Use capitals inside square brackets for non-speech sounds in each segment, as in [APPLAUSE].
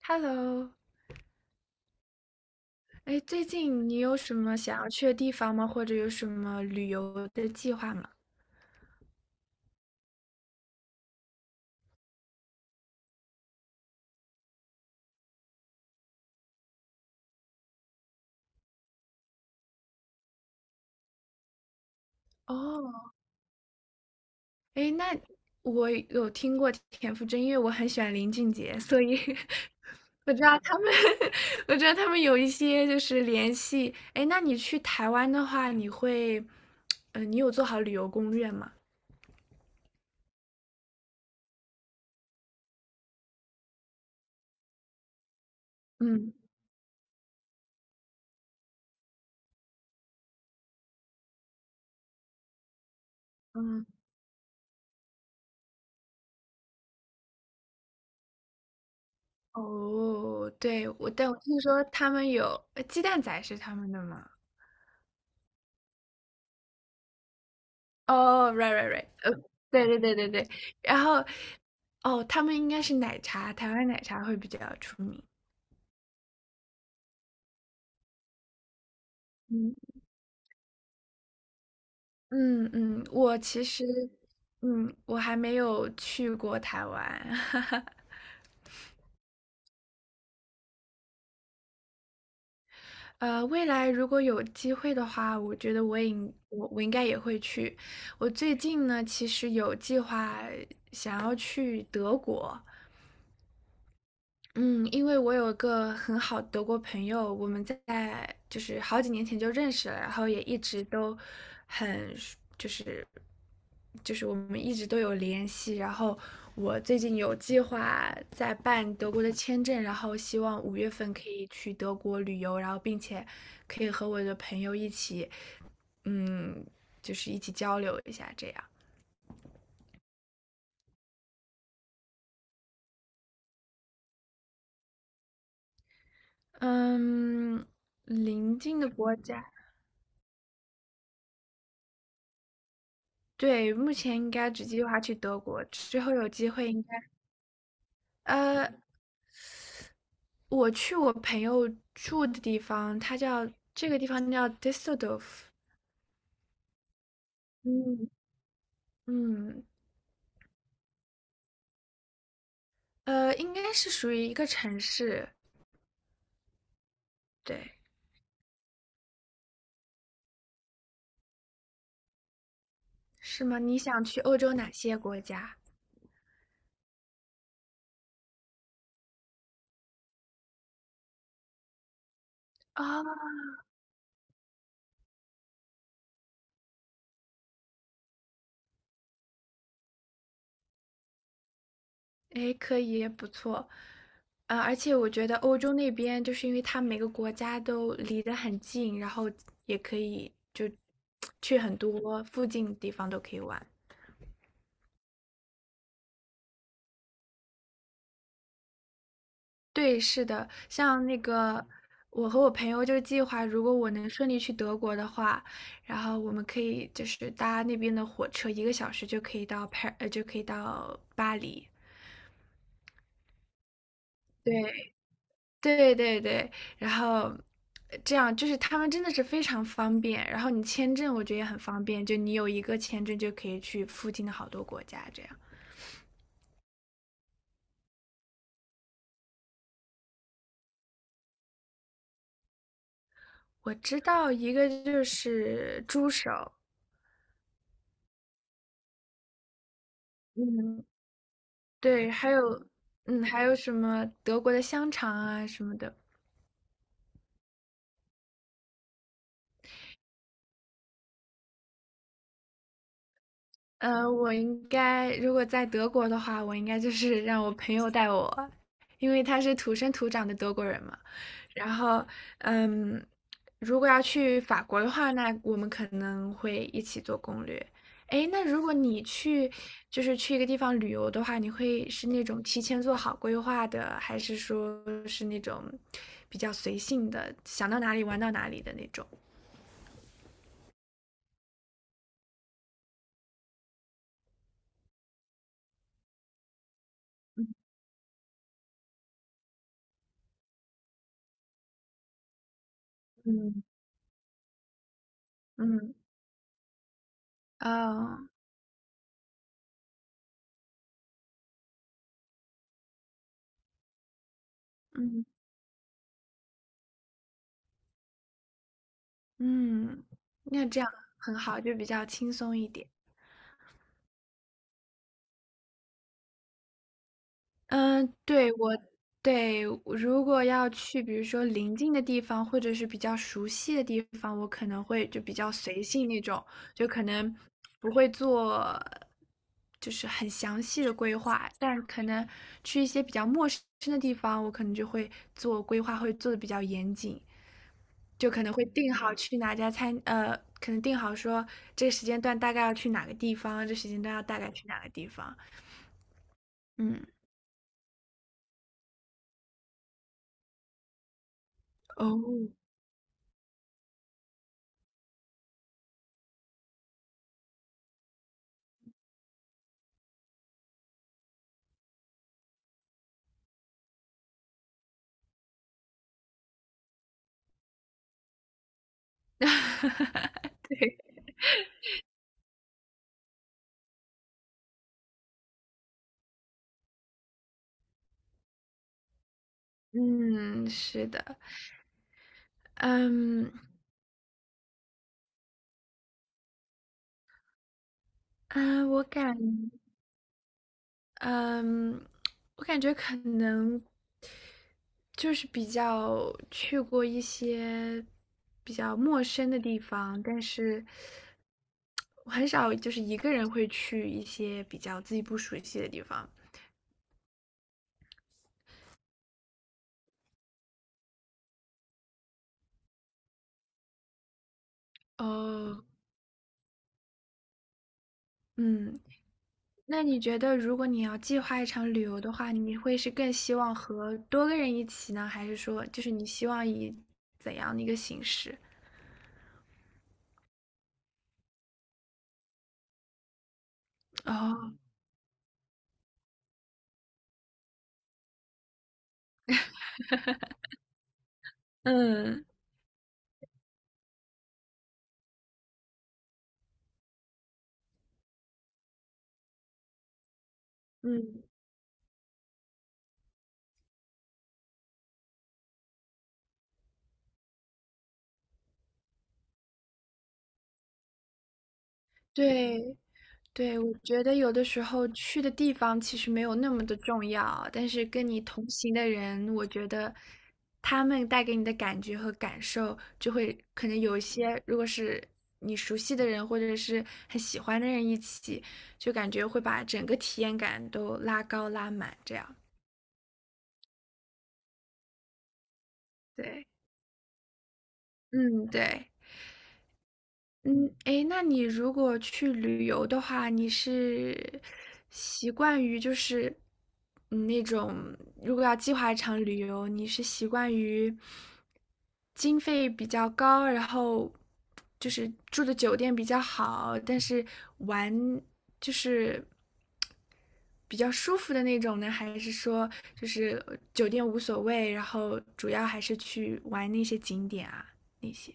Hello，哎，最近你有什么想要去的地方吗？或者有什么旅游的计划吗？哦，哎，那我有听过田馥甄，因为我很喜欢林俊杰，所以 [LAUGHS] 我知道他们 [LAUGHS] 我知道他们有一些就是联系。哎，那你去台湾的话，你会，你有做好旅游攻略吗？嗯嗯，哦，对，我，但我听说他们有，鸡蛋仔是他们的吗？哦，right right right，对对对对对，然后哦，他们应该是奶茶，台湾奶茶会比较出名。嗯嗯嗯，我其实我还没有去过台湾，[LAUGHS] 未来如果有机会的话，我觉得我也应我我应该也会去。我最近呢，其实有计划想要去德国，嗯，因为我有一个很好的德国朋友，我们在就是好几年前就认识了，然后也一直都很就是就是我们一直都有联系。然后我最近有计划在办德国的签证，然后希望五月份可以去德国旅游，然后并且可以和我的朋友一起，嗯，就是一起交流一下这样。嗯，邻近的国家。对，目前应该只计划去德国，之后有机会应该，呃，我去我朋友住的地方，这个地方叫 Düsseldorf，嗯嗯，应该是属于一个城市，对，是吗？你想去欧洲哪些国家？啊，哎，可以，不错，而且我觉得欧洲那边就是因为它每个国家都离得很近，然后也可以就去很多附近地方都可以玩。对，是的，像那个我和我朋友就计划，如果我能顺利去德国的话，然后我们可以就是搭那边的火车，一个小时就可以到巴黎。对，对对对，然后这样就是他们真的是非常方便，然后你签证我觉得也很方便，就你有一个签证就可以去附近的好多国家这样。我知道一个就是猪手，嗯，对，还有什么德国的香肠啊什么的。我应该如果在德国的话，我应该就是让我朋友带我，因为他是土生土长的德国人嘛。然后，嗯，如果要去法国的话，那我们可能会一起做攻略。诶，那如果你去，就是去一个地方旅游的话，你会是那种提前做好规划的，还是说是那种比较随性的，想到哪里玩到哪里的那种？嗯嗯，啊嗯嗯，那这样很好，就比较轻松一点。嗯，对，对，我如果要去，比如说临近的地方，或者是比较熟悉的地方，我可能会就比较随性那种，就可能不会做就是很详细的规划，但可能去一些比较陌生的地方，我可能就会做规划，会做的比较严谨。就可能会定好去哪家餐，可能定好说这个时间段大概要去哪个地方，这时间段要大概去哪个地方。嗯，哦，[LAUGHS] 对，嗯，是的，嗯嗯，嗯，我感觉可能就是比较去过一些比较陌生的地方，但是我很少就是一个人会去一些比较自己不熟悉的地方。哦，嗯，那你觉得如果你要计划一场旅游的话，你会是更希望和多个人一起呢，还是说就是你希望以怎样的一个形式？哦，嗯嗯，对，对，我觉得有的时候去的地方其实没有那么的重要啊，但是跟你同行的人，我觉得他们带给你的感觉和感受，就会可能有一些，如果是你熟悉的人或者是很喜欢的人一起，就感觉会把整个体验感都拉高拉满，这样。对，嗯，对。嗯，诶，那你如果去旅游的话，你是习惯于就是那种，如果要计划一场旅游，你是习惯于经费比较高，然后就是住的酒店比较好，但是玩就是比较舒服的那种呢，还是说就是酒店无所谓，然后主要还是去玩那些景点啊，那些。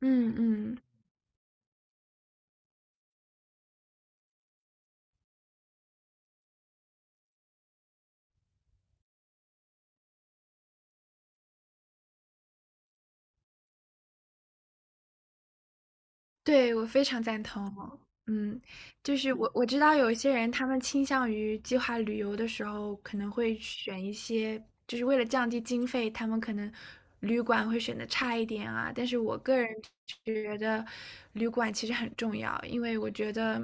嗯嗯。对，我非常赞同。嗯，就是我知道有一些人，他们倾向于计划旅游的时候，可能会选一些，就是为了降低经费，他们可能旅馆会选的差一点啊。但是我个人觉得，旅馆其实很重要，因为我觉得，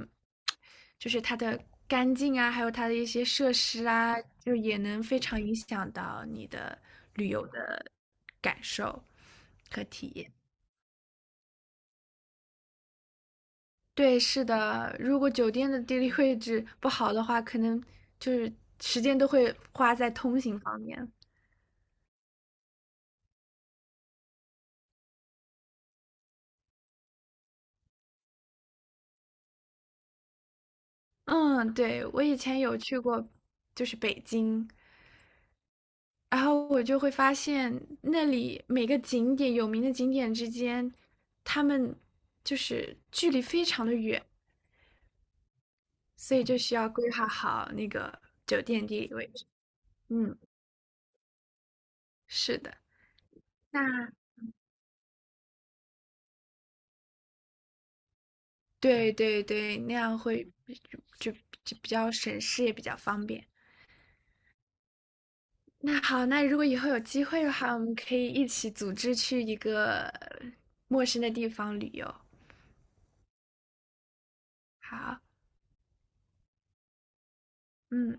就是它的干净啊，还有它的一些设施啊，就也能非常影响到你的旅游的感受和体验。对，是的，如果酒店的地理位置不好的话，可能就是时间都会花在通行方面。嗯，对，我以前有去过，就是北京，然后我就会发现那里每个景点有名的景点之间，他们就是距离非常的远，所以就需要规划好那个酒店地理位置。嗯，是的，那对对对，那样会就就就比较省事，也比较方便。那好，那如果以后有机会的话，我们可以一起组织去一个陌生的地方旅游。好，嗯。